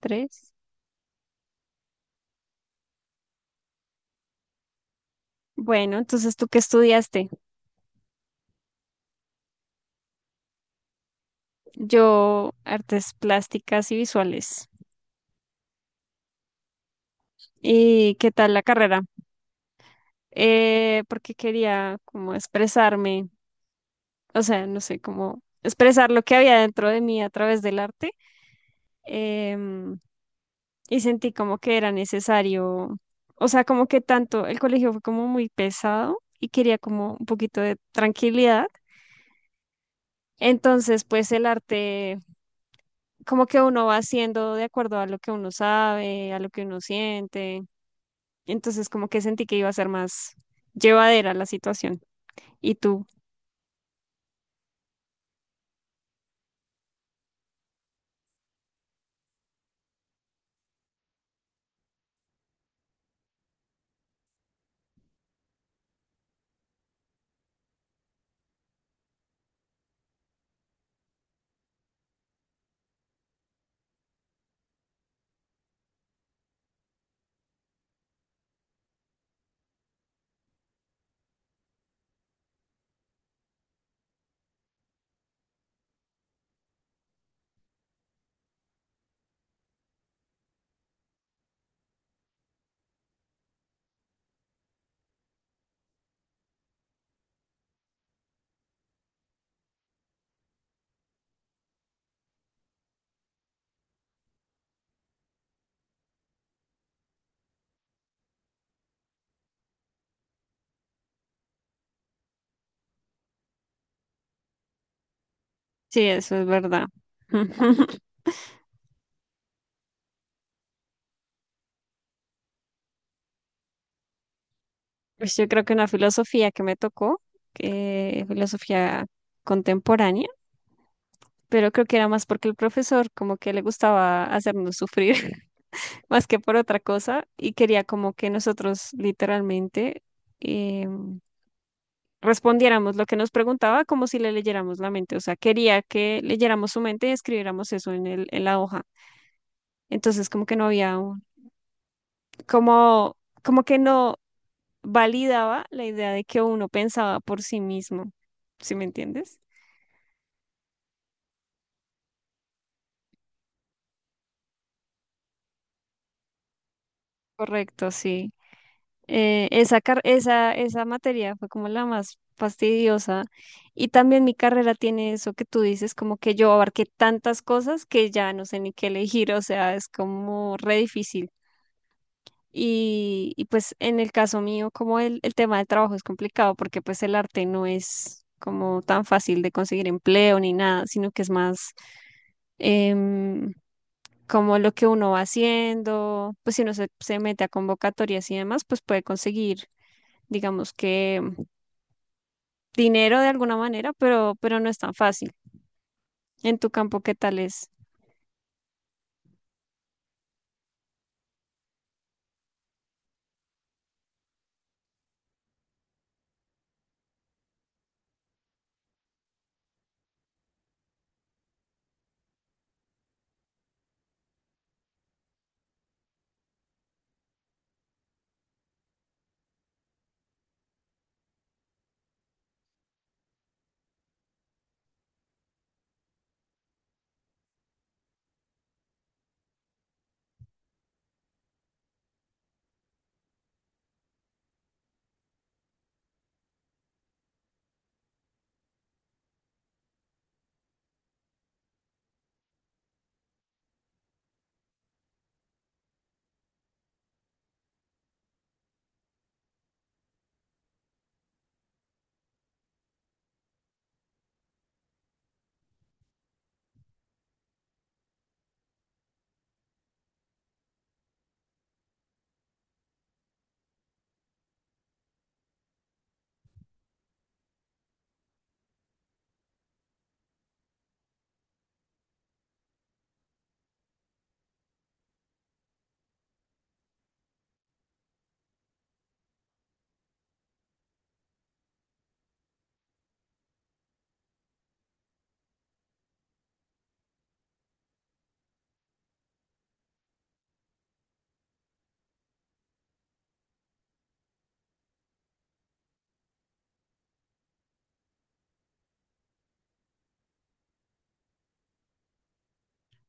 Tres. Bueno, entonces, ¿tú qué estudiaste? Yo, artes plásticas y visuales. ¿Y qué tal la carrera? Porque quería como expresarme, o sea, no sé, como expresar lo que había dentro de mí a través del arte. em, y sentí como que era necesario, o sea, como que tanto el colegio fue como muy pesado y quería como un poquito de tranquilidad. Entonces, pues el arte como que uno va haciendo de acuerdo a lo que uno sabe, a lo que uno siente. Entonces, como que sentí que iba a ser más llevadera la situación. Y tú, sí, eso es verdad. Pues yo creo que una filosofía que me tocó, que filosofía contemporánea, pero creo que era más porque el profesor como que le gustaba hacernos sufrir más que por otra cosa y quería como que nosotros literalmente em, respondiéramos lo que nos preguntaba como si le leyéramos la mente. O sea, quería que leyéramos su mente y escribiéramos eso en en la hoja. Entonces, como que no había un, como, como que no validaba la idea de que uno pensaba por sí mismo. ¿Sí me entiendes? Correcto, sí. Esa materia fue como la más fastidiosa. Y también mi carrera tiene eso que tú dices, como que yo abarqué tantas cosas que ya no sé ni qué elegir, o sea, es como re difícil. Y pues en el caso mío, como el tema del trabajo es complicado porque pues el arte no es como tan fácil de conseguir empleo ni nada, sino que es más em, como lo que uno va haciendo, pues si uno se mete a convocatorias y demás, pues puede conseguir digamos que dinero de alguna manera, pero no es tan fácil. En tu campo, ¿qué tal es?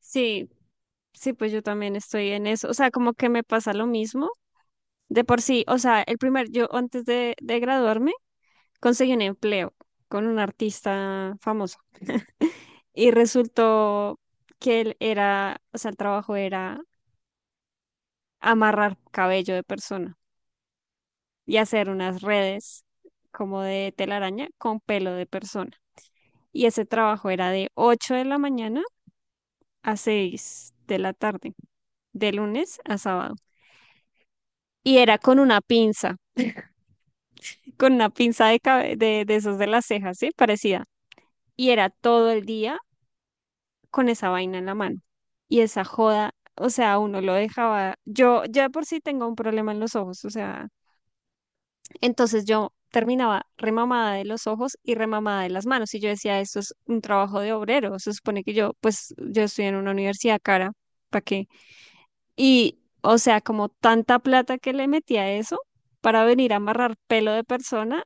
Sí, sí, pues yo también estoy en eso. O sea, como que me pasa lo mismo. De por sí, o sea, yo antes de graduarme, conseguí un empleo con un artista famoso. Y resultó que él era, o sea, el trabajo era amarrar cabello de persona y hacer unas redes como de telaraña con pelo de persona. Y ese trabajo era de 8 de la mañana a 6 de la tarde, de lunes a sábado. Y era con una pinza de esos de las cejas, ¿sí? Parecida. Y era todo el día con esa vaina en la mano. Y esa joda, o sea, uno lo dejaba. Yo ya por sí tengo un problema en los ojos, o sea, entonces yo terminaba remamada de los ojos y remamada de las manos. Y yo decía, esto es un trabajo de obrero. Se supone que yo, pues, yo estoy en una universidad cara, ¿para qué? Y, o sea, como tanta plata que le metí a eso para venir a amarrar pelo de persona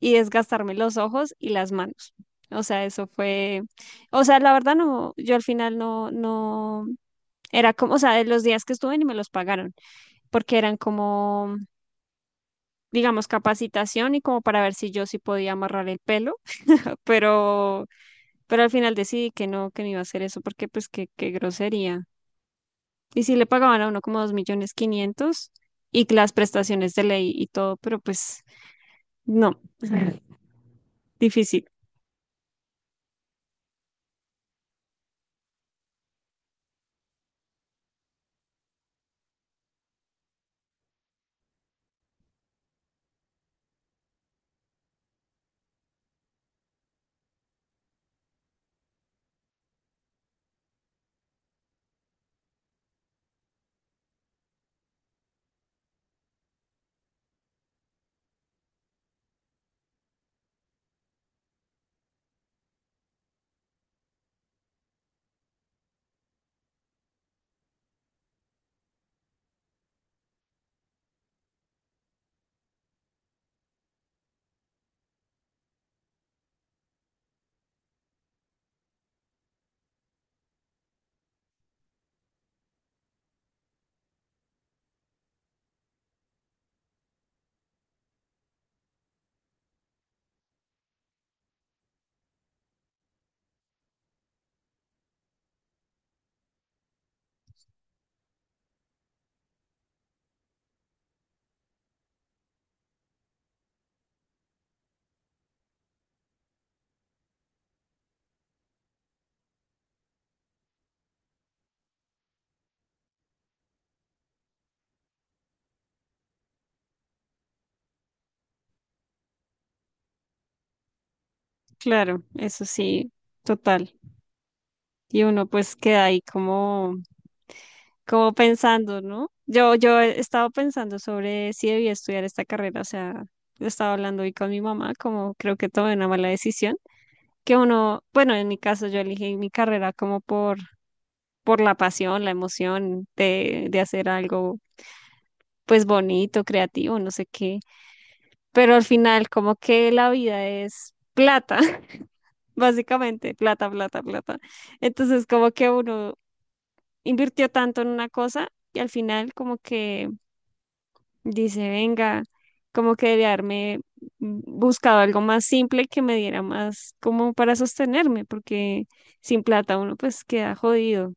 y desgastarme los ojos y las manos. O sea, eso fue, o sea, la verdad no, yo al final no, no, era como, o sea, de los días que estuve ni me los pagaron, porque eran como, digamos, capacitación y como para ver si yo sí podía amarrar el pelo, pero, pero al final decidí que no iba a hacer eso, porque pues qué grosería. Y sí le pagaban a uno como 2.500.000 y las prestaciones de ley y todo, pero pues no, difícil, claro, eso sí, total. Y uno pues queda ahí como pensando, ¿no? Yo he estado pensando sobre si debía estudiar esta carrera, o sea, he estado hablando hoy con mi mamá, como creo que tomé una mala decisión, que uno, bueno, en mi caso yo elegí mi carrera como por la pasión, la emoción de hacer algo pues bonito, creativo, no sé qué. Pero al final como que la vida es plata, básicamente, plata, plata, plata. Entonces como que uno invirtió tanto en una cosa y al final como que dice, venga, como que debe haberme buscado algo más simple que me diera más como para sostenerme, porque sin plata uno pues queda jodido,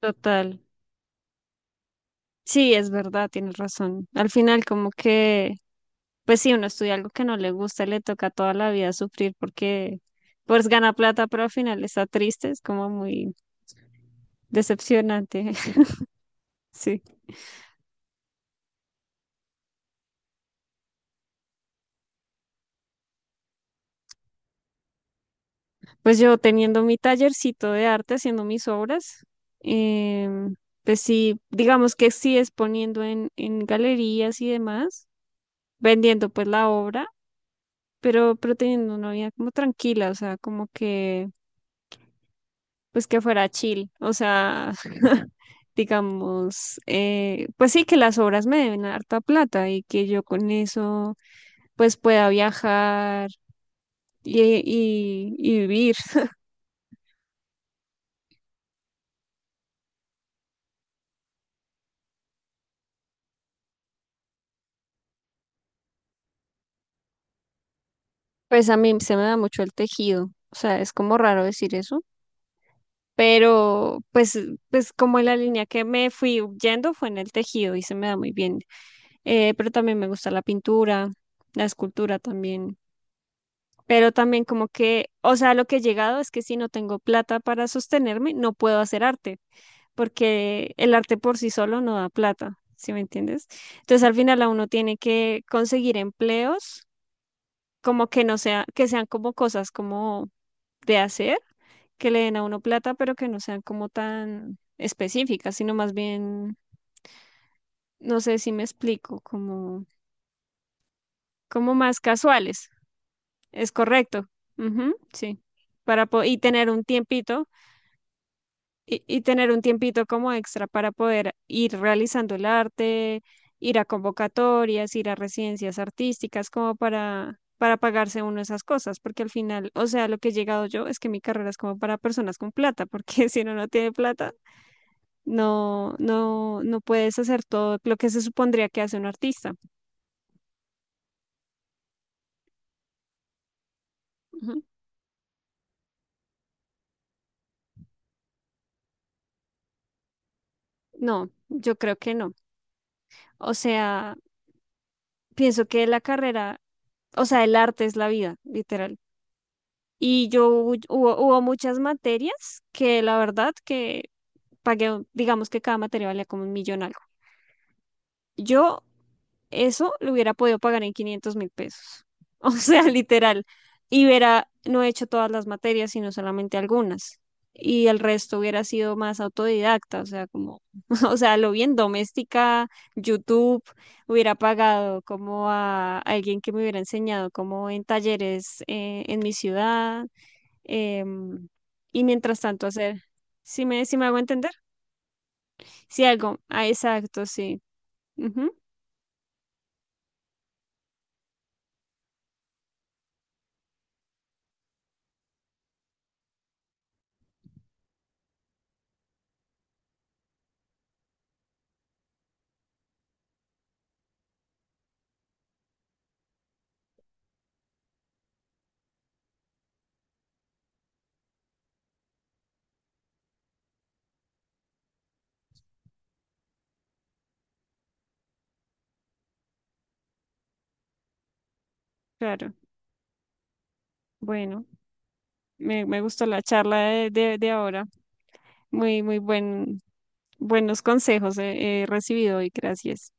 total. Sí, es verdad, tienes razón. Al final como que pues si uno estudia algo que no le gusta, le toca toda la vida sufrir porque pues gana plata, pero al final está triste, es como muy decepcionante. Sí. Pues yo teniendo mi tallercito de arte, haciendo mis obras, em, pues sí, digamos que sí exponiendo en galerías y demás, vendiendo pues la obra, pero teniendo una vida como tranquila, o sea, como que pues que fuera chill, o sea, digamos, pues sí que las obras me deben harta plata y que yo con eso pues pueda viajar y, y vivir. Pues a mí se me da mucho el tejido, o sea, es como raro decir eso, pero pues como la línea que me fui yendo fue en el tejido y se me da muy bien. Pero también me gusta la pintura, la escultura también. Pero también como que, o sea, lo que he llegado es que si no tengo plata para sostenerme, no puedo hacer arte, porque el arte por sí solo no da plata, ¿sí me entiendes? Entonces al final a uno tiene que conseguir empleos, como que no sea, que sean como cosas como de hacer, que le den a uno plata, pero que no sean como tan específicas, sino más bien, no sé si me explico, como, más casuales. Es correcto. Ujú, sí. Para po- y tener un tiempito y tener un tiempito como extra para poder ir realizando el arte, ir a convocatorias, ir a residencias artísticas, como para pagarse uno esas cosas, porque al final, o sea, lo que he llegado yo es que mi carrera es como para personas con plata, porque si uno no tiene plata, no, no, no puedes hacer todo lo que se supondría que hace un artista. Ujú. No, yo creo que no. O sea, pienso que la carrera, o sea, el arte es la vida, literal. Y yo hubo muchas materias que la verdad que pagué, digamos que cada materia valía como un millón algo. Yo eso lo hubiera podido pagar en 500.000 pesos. O sea, literal. Y hubiera, no he hecho todas las materias, sino solamente algunas. Y el resto hubiera sido más autodidacta, o sea, como, o sea, lo bien doméstica, YouTube, hubiera pagado como a alguien que me hubiera enseñado como en talleres en mi ciudad em, y mientras tanto hacer, si me hago entender, si algo, ah, exacto, sí, ujú, claro, bueno, me gustó la charla de ahora, muy, muy buenos consejos he recibido y gracias.